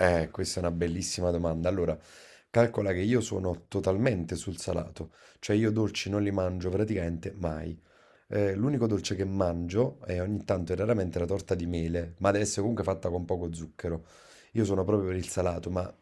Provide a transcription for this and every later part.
Questa è una bellissima domanda. Allora, calcola che io sono totalmente sul salato, cioè io dolci non li mangio praticamente mai. L'unico dolce che mangio è ogni tanto e raramente la torta di mele, ma deve essere comunque fatta con poco zucchero. Io sono proprio per il salato, ma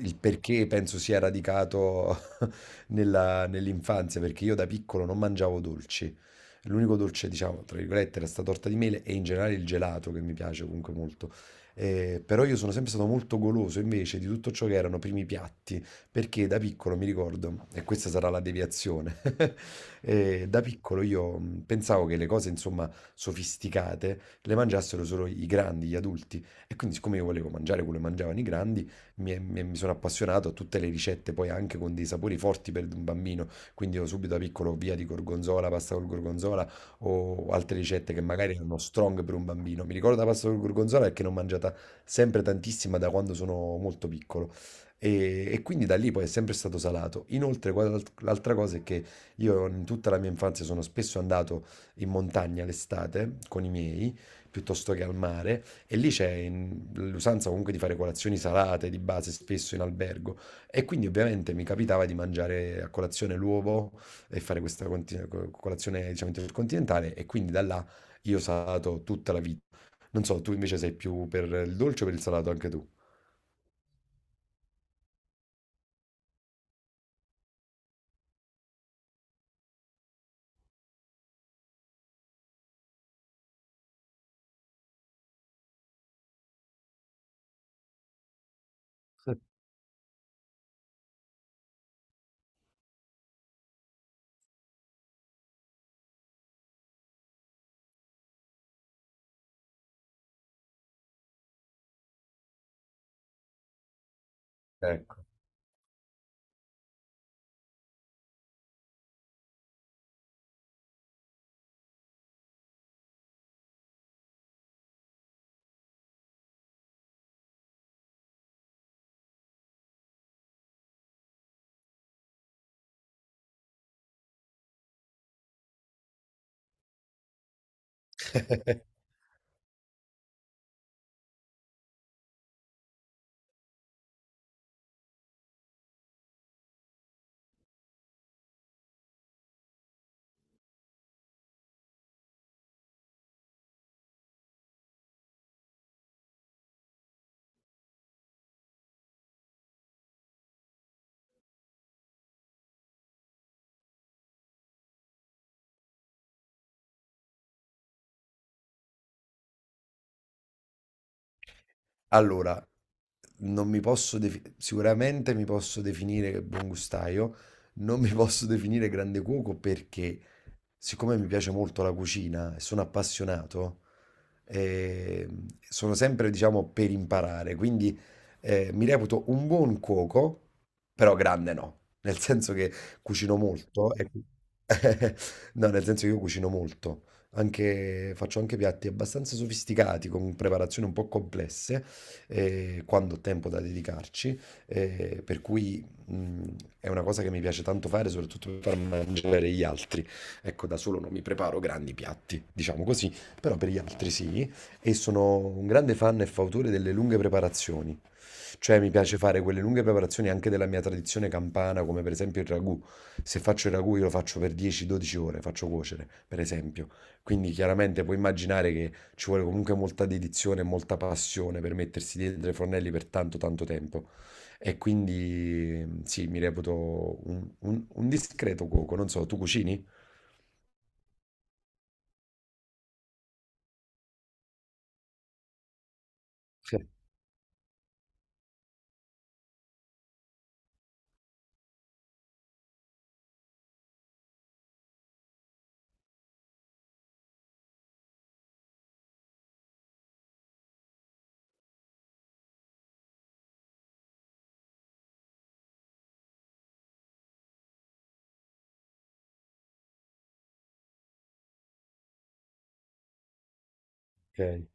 il perché penso sia radicato nell'infanzia, perché io da piccolo non mangiavo dolci. L'unico dolce, diciamo, tra virgolette, era sta torta di mele e in generale il gelato che mi piace comunque molto. Però io sono sempre stato molto goloso invece di tutto ciò che erano primi piatti, perché da piccolo mi ricordo, e questa sarà la deviazione, da piccolo io pensavo che le cose, insomma, sofisticate le mangiassero solo i grandi, gli adulti. E quindi, siccome io volevo mangiare quello che mangiavano i grandi, mi sono appassionato a tutte le ricette, poi anche con dei sapori forti per un bambino. Quindi io subito da piccolo via di gorgonzola, pasta col gorgonzola o altre ricette che magari erano strong per un bambino. Mi ricordo la pasta col gorgonzola perché l'ho mangiata sempre tantissima da quando sono molto piccolo. E quindi da lì poi è sempre stato salato. Inoltre, guarda l'altra cosa è che io in tutta la mia infanzia sono spesso andato in montagna l'estate con i miei, piuttosto che al mare, e lì c'è l'usanza comunque di fare colazioni salate di base spesso in albergo e quindi ovviamente mi capitava di mangiare a colazione l'uovo e fare questa colazione diciamo intercontinentale e quindi da là io ho salato tutta la vita. Non so, tu invece sei più per il dolce o per il salato anche tu? Ecco. Allora, non mi posso defi- sicuramente mi posso definire buon gustaio, non mi posso definire grande cuoco perché siccome mi piace molto la cucina e sono appassionato, eh, sono sempre, diciamo, per imparare, quindi mi reputo un buon cuoco, però grande no, nel senso che cucino molto. No, nel senso che io cucino molto, anche, faccio anche piatti abbastanza sofisticati, con preparazioni un po' complesse, quando ho tempo da dedicarci, per cui è una cosa che mi piace tanto fare, soprattutto per far mangiare gli altri. Ecco, da solo non mi preparo grandi piatti, diciamo così, però per gli altri sì, e sono un grande fan e fautore delle lunghe preparazioni. Cioè mi piace fare quelle lunghe preparazioni anche della mia tradizione campana, come per esempio il ragù. Se faccio il ragù io lo faccio per 10-12 ore, faccio cuocere, per esempio. Quindi chiaramente puoi immaginare che ci vuole comunque molta dedizione e molta passione per mettersi dietro ai fornelli per tanto tanto tempo. E quindi sì, mi reputo un discreto cuoco. Non so, tu cucini? Sì. Ok,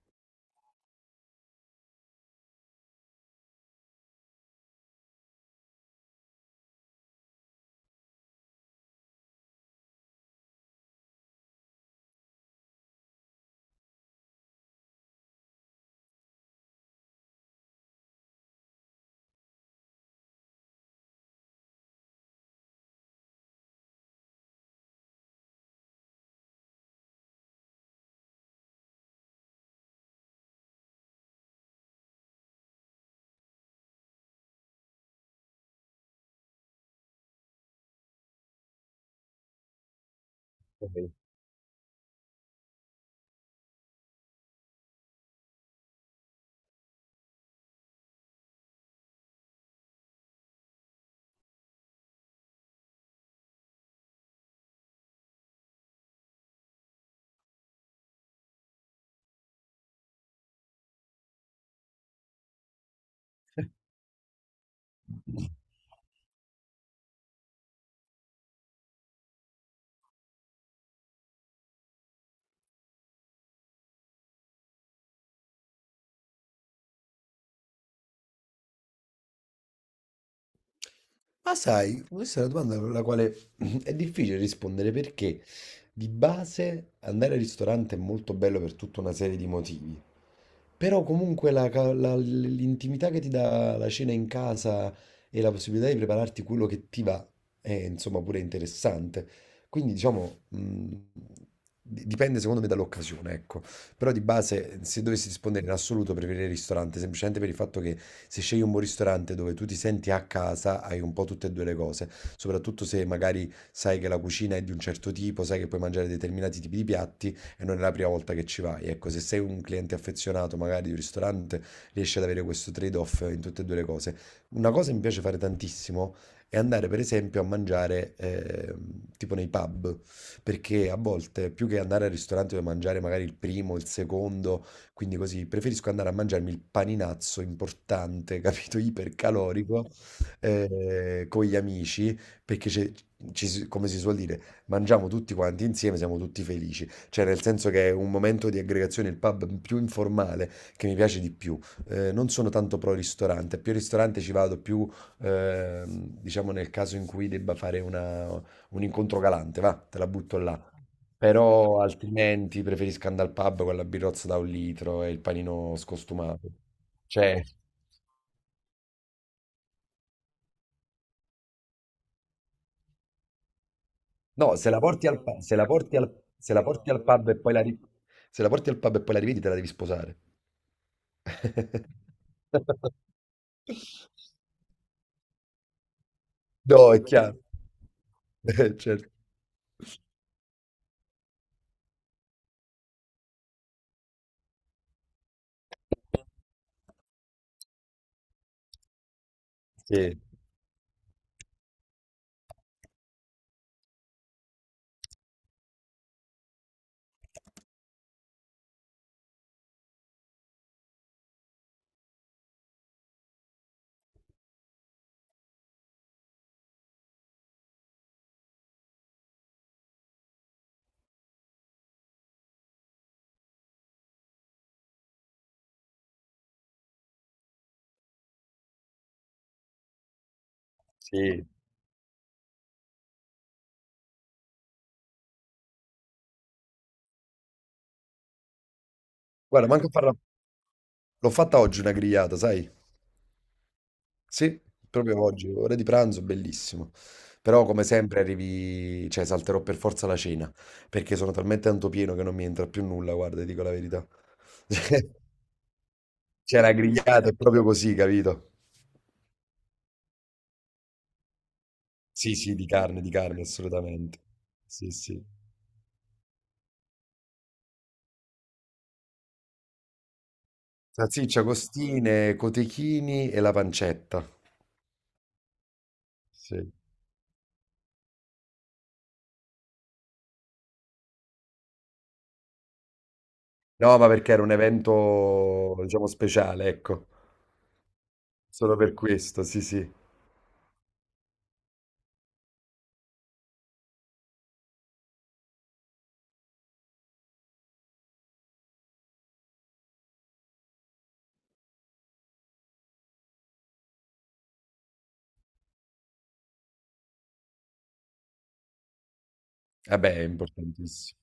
ok. Ma sai, questa è una domanda con la quale è difficile rispondere perché di base andare al ristorante è molto bello per tutta una serie di motivi. Però comunque l'intimità che ti dà la cena in casa e la possibilità di prepararti quello che ti va è insomma pure interessante. Quindi diciamo, dipende secondo me dall'occasione, ecco. Però di base, se dovessi rispondere in assoluto, preferirei il ristorante, semplicemente per il fatto che se scegli un buon ristorante dove tu ti senti a casa, hai un po' tutte e due le cose. Soprattutto se magari sai che la cucina è di un certo tipo, sai che puoi mangiare determinati tipi di piatti e non è la prima volta che ci vai. Ecco, se sei un cliente affezionato magari di un ristorante, riesci ad avere questo trade-off in tutte e due le cose. Una cosa che mi piace fare tantissimo è andare per esempio a mangiare tipo nei pub, perché a volte più che andare al ristorante dove mangiare magari il primo, il secondo, quindi così, preferisco andare a mangiarmi il paninazzo importante, capito, ipercalorico, con gli amici, perché come si suol dire, mangiamo tutti quanti insieme, siamo tutti felici. Cioè, nel senso che è un momento di aggregazione, il pub più informale che mi piace di più. Non sono tanto pro ristorante, più ristorante ci vado più, diciamo, nel caso in cui debba fare un incontro galante, va, te la butto là. Però altrimenti preferisco andare al pub con la birrozza da 1 litro e il panino scostumato. Cioè, no, se la porti al, pa- se la porti al, se la porti al pub e poi la ri- se la porti al pub e poi la rivedi, te la devi sposare. No, è chiaro. Certo. Sì, sì. Guarda, manco a farla l'ho fatta oggi una grigliata, sai? Sì, proprio oggi, ora di pranzo, bellissimo. Però come sempre arrivi, cioè salterò per forza la cena, perché sono talmente tanto pieno che non mi entra più nulla, guarda, ti dico la verità. C'è la grigliata, è proprio così, capito? Sì, sì, di carne, assolutamente. Sì, sì. Salsiccia, costine, cotechini e la pancetta. Sì. No, ma perché era un evento, diciamo, speciale, ecco. Solo per questo, sì, sì. Vabbè, è importantissimo.